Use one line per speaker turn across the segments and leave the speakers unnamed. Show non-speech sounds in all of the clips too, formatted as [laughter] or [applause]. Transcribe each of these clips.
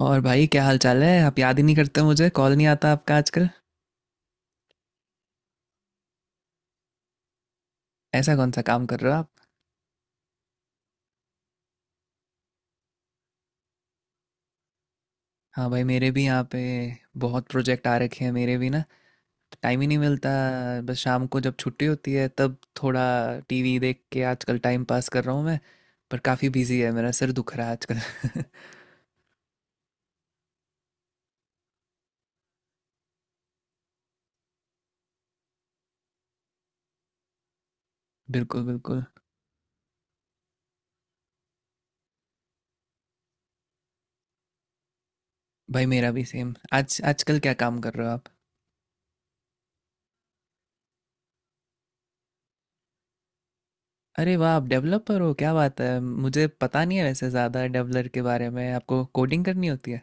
और भाई क्या हाल चाल है। आप याद ही नहीं करते, मुझे कॉल नहीं आता आपका आजकल। ऐसा कौन सा काम कर रहे हो आप? हाँ भाई, मेरे भी यहाँ पे बहुत प्रोजेक्ट आ रखे हैं मेरे भी ना। टाइम ही नहीं मिलता। बस शाम को जब छुट्टी होती है तब थोड़ा टीवी देख के आजकल टाइम पास कर रहा हूँ मैं। पर काफ़ी बिजी है, मेरा सिर दुख रहा है आजकल। [laughs] बिल्कुल बिल्कुल। भाई मेरा भी सेम। आज आजकल क्या काम कर रहे हो आप? अरे वाह, आप डेवलपर हो? क्या बात है। मुझे पता नहीं है वैसे ज़्यादा डेवलपर के बारे में। आपको कोडिंग करनी होती है?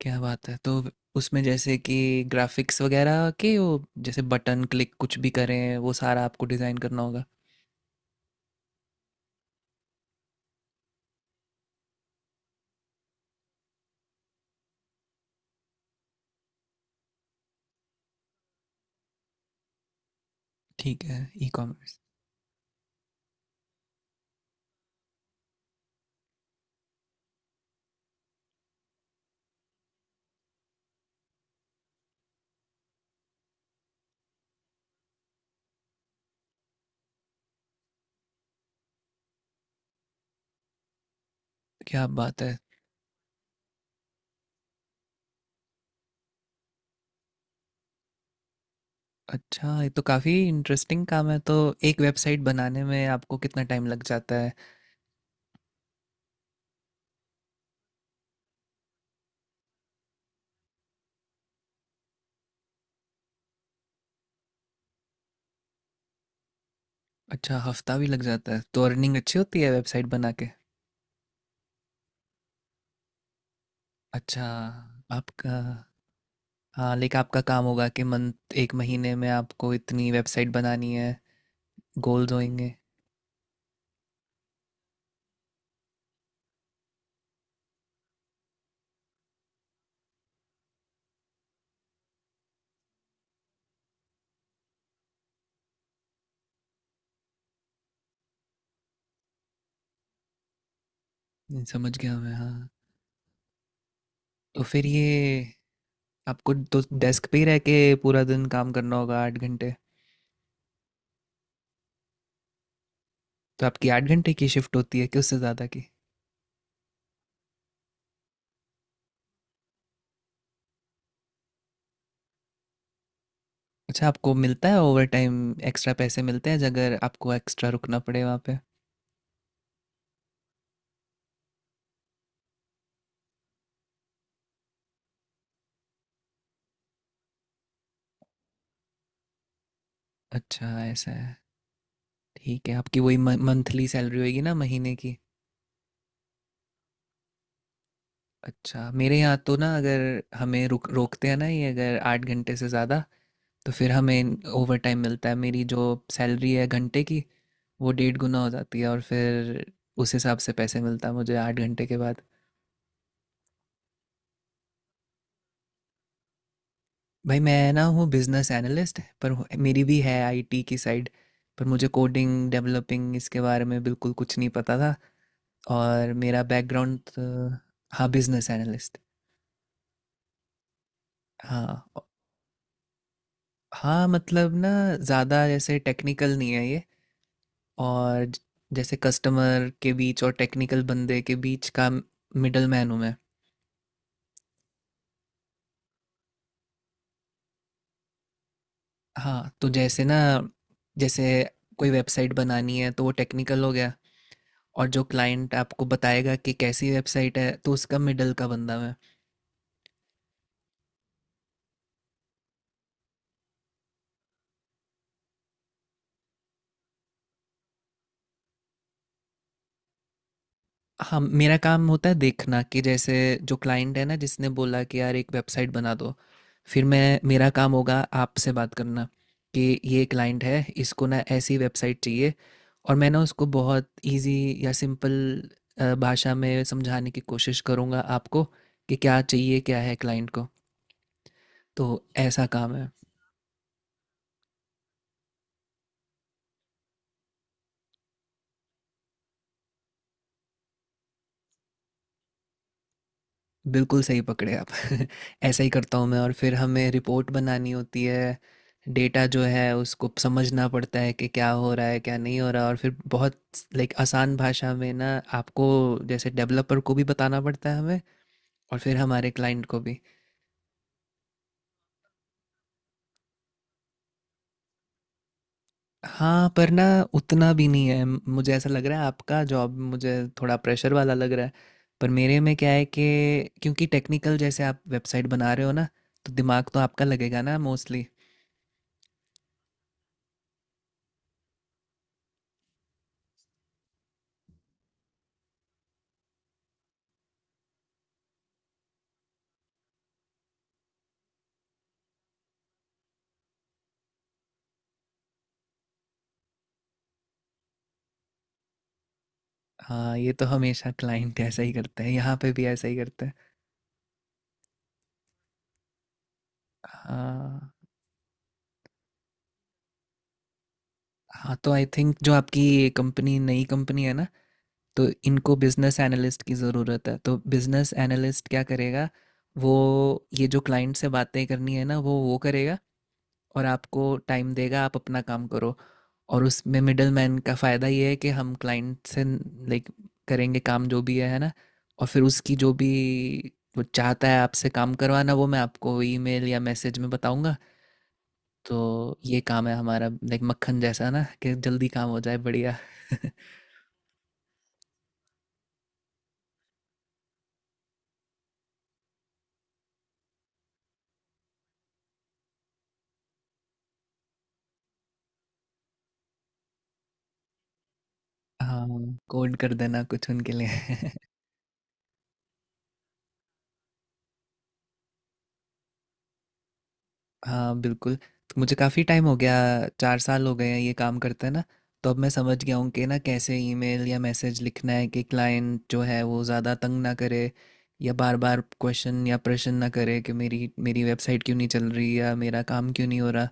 क्या बात है। तो उसमें जैसे कि ग्राफिक्स वगैरह के वो, जैसे बटन क्लिक कुछ भी करें, वो सारा आपको डिज़ाइन करना होगा। ठीक है। E commerce. क्या बात है। अच्छा, ये तो काफ़ी इंटरेस्टिंग काम है। तो एक वेबसाइट बनाने में आपको कितना टाइम लग जाता है? अच्छा, हफ्ता भी लग जाता है। तो अर्निंग अच्छी होती है वेबसाइट बना के? अच्छा, आपका, हाँ लेकिन आपका काम होगा कि मंथ, एक महीने में आपको इतनी वेबसाइट बनानी है, गोल्स होंगे। नहीं, समझ गया मैं, हाँ। तो फिर ये आपको तो डेस्क पे ही रह के पूरा दिन काम करना होगा, 8 घंटे। तो आपकी 8 घंटे की शिफ्ट होती है कि उससे ज़्यादा की? अच्छा, आपको मिलता है ओवर टाइम, एक्स्ट्रा पैसे मिलते हैं अगर आपको एक्स्ट्रा रुकना पड़े वहाँ पे? अच्छा ऐसा है। ठीक है। आपकी वही मंथली सैलरी होगी ना, महीने की? अच्छा, मेरे यहाँ तो ना अगर हमें रुक रोकते हैं ना ये, अगर 8 घंटे से ज़्यादा, तो फिर हमें ओवर टाइम मिलता है। मेरी जो सैलरी है घंटे की, वो 1.5 गुना हो जाती है, और फिर उस हिसाब से पैसे मिलता है मुझे 8 घंटे के बाद। भाई मैं ना हूँ बिजनेस एनालिस्ट। मेरी भी है आईटी की साइड, पर मुझे कोडिंग डेवलपिंग इसके बारे में बिल्कुल कुछ नहीं पता था। और मेरा बैकग्राउंड, हाँ बिजनेस एनालिस्ट। हाँ औ- हाँ मतलब ना, ज़्यादा जैसे टेक्निकल नहीं है ये। और जैसे कस्टमर के बीच और टेक्निकल बंदे के बीच का मिडल मैन हूँ मैं। हाँ, तो जैसे ना, जैसे कोई वेबसाइट बनानी है तो वो टेक्निकल हो गया। और जो क्लाइंट आपको बताएगा कि कैसी वेबसाइट है, तो उसका मिडल का बंदा मैं। हम, मेरा काम होता है देखना कि जैसे जो क्लाइंट है ना, जिसने बोला कि यार एक वेबसाइट बना दो, फिर मैं, मेरा काम होगा आपसे बात करना कि ये क्लाइंट है, इसको ना ऐसी वेबसाइट चाहिए। और मैं ना उसको बहुत इजी या सिंपल भाषा में समझाने की कोशिश करूँगा आपको कि क्या चाहिए, क्या है क्लाइंट को। तो ऐसा काम है। बिल्कुल सही पकड़े आप। [laughs] ऐसा ही करता हूँ मैं, और फिर हमें रिपोर्ट बनानी होती है। डेटा जो है उसको समझना पड़ता है कि क्या हो रहा है क्या नहीं हो रहा। और फिर बहुत लाइक आसान भाषा में ना आपको, जैसे डेवलपर को भी बताना पड़ता है हमें, और फिर हमारे क्लाइंट को भी। हाँ पर ना, उतना भी नहीं है। मुझे ऐसा लग रहा है आपका जॉब मुझे थोड़ा प्रेशर वाला लग रहा है। पर मेरे में क्या है कि क्योंकि टेक्निकल जैसे आप वेबसाइट बना रहे हो ना, तो दिमाग तो आपका लगेगा ना मोस्टली। हाँ, ये तो हमेशा क्लाइंट ऐसा ही करते हैं, यहाँ पे भी ऐसा ही करते हैं। हाँ हाँ, तो आई थिंक जो आपकी कंपनी नई कंपनी है ना, तो इनको बिजनेस एनालिस्ट की ज़रूरत है। तो बिजनेस एनालिस्ट क्या करेगा, वो, ये जो क्लाइंट से बातें करनी है ना, वो करेगा। और आपको टाइम देगा, आप अपना काम करो। और उसमें मिडल मैन का फ़ायदा ये है कि हम क्लाइंट से लाइक करेंगे काम, जो भी है ना। और फिर उसकी जो भी, वो चाहता है आपसे काम करवाना, वो मैं आपको ईमेल या मैसेज में बताऊंगा। तो ये काम है हमारा, लाइक मक्खन जैसा ना, कि जल्दी काम हो जाए बढ़िया। [laughs] हाँ, कोड कर देना कुछ उनके लिए। [laughs] हाँ बिल्कुल। तो मुझे काफ़ी टाइम हो गया, 4 साल हो गए हैं ये काम करते हैं ना। तो अब मैं समझ गया हूँ कि ना कैसे ईमेल या मैसेज लिखना है कि क्लाइंट जो है वो ज़्यादा तंग ना करे, या बार बार क्वेश्चन या प्रश्न ना करे कि मेरी मेरी वेबसाइट क्यों नहीं चल रही, या मेरा काम क्यों नहीं हो रहा।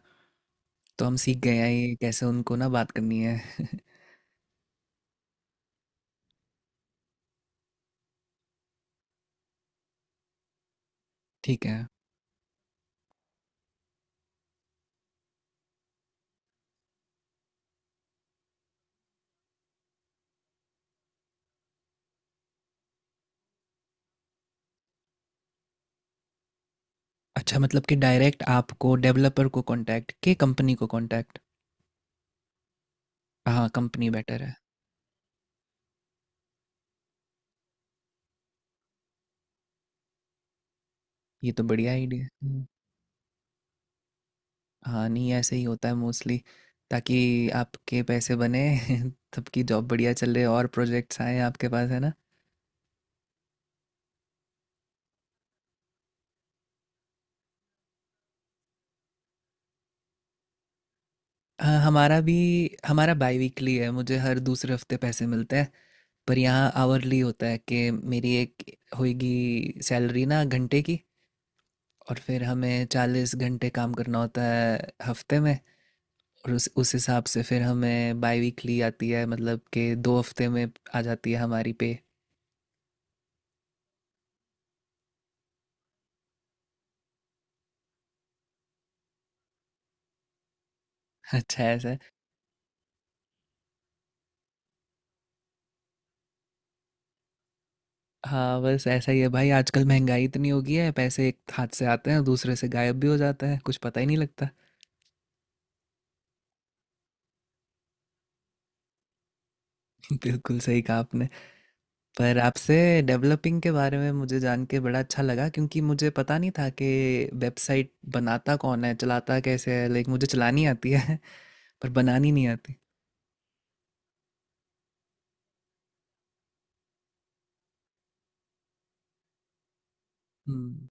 तो हम सीख गए हैं ये कैसे उनको ना बात करनी है। ठीक है। अच्छा, मतलब कि डायरेक्ट आपको डेवलपर को कांटेक्ट के, कंपनी को कांटेक्ट। हाँ कंपनी बेटर है। ये तो बढ़िया आइडिया है। हाँ नहीं, ऐसे ही होता है मोस्टली, ताकि आपके पैसे बने। [laughs] सबकी जॉब बढ़िया चल रही है और प्रोजेक्ट्स आए आपके पास, है ना। हाँ हमारा भी, हमारा बाई वीकली है, मुझे हर दूसरे हफ्ते पैसे मिलते हैं। पर यहाँ आवरली होता है कि मेरी एक होगी सैलरी ना घंटे की, और फिर हमें 40 घंटे काम करना होता है हफ्ते में। और उस हिसाब से फिर हमें बाई वीकली आती है, मतलब कि 2 हफ्ते में आ जाती है हमारी पे। [laughs] अच्छा ऐसा है। हाँ, बस ऐसा ही है भाई। आजकल महंगाई इतनी हो गई है, पैसे एक हाथ से आते हैं दूसरे से गायब भी हो जाते हैं, कुछ पता ही नहीं लगता। [laughs] बिल्कुल सही कहा आपने। पर आपसे डेवलपिंग के बारे में मुझे जान के बड़ा अच्छा लगा, क्योंकि मुझे पता नहीं था कि वेबसाइट बनाता कौन है, चलाता कैसे है। लाइक, मुझे चलानी आती है [laughs] पर बनानी नहीं आती। हम्म।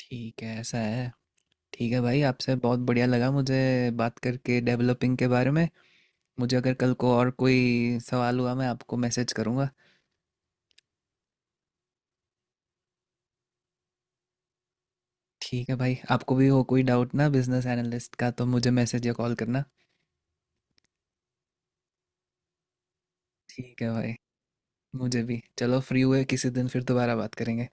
ठीक है, ऐसा है। ठीक है भाई, आपसे बहुत बढ़िया लगा मुझे बात करके डेवलपिंग के बारे में। मुझे अगर कल को और कोई सवाल हुआ, मैं आपको मैसेज करूँगा। ठीक है भाई, आपको भी हो कोई डाउट ना बिजनेस एनालिस्ट का, तो मुझे मैसेज या कॉल करना। ठीक है भाई, मुझे भी चलो, फ्री हुए किसी दिन फिर दोबारा बात करेंगे।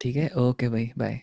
ठीक है, ओके भाई, बाय।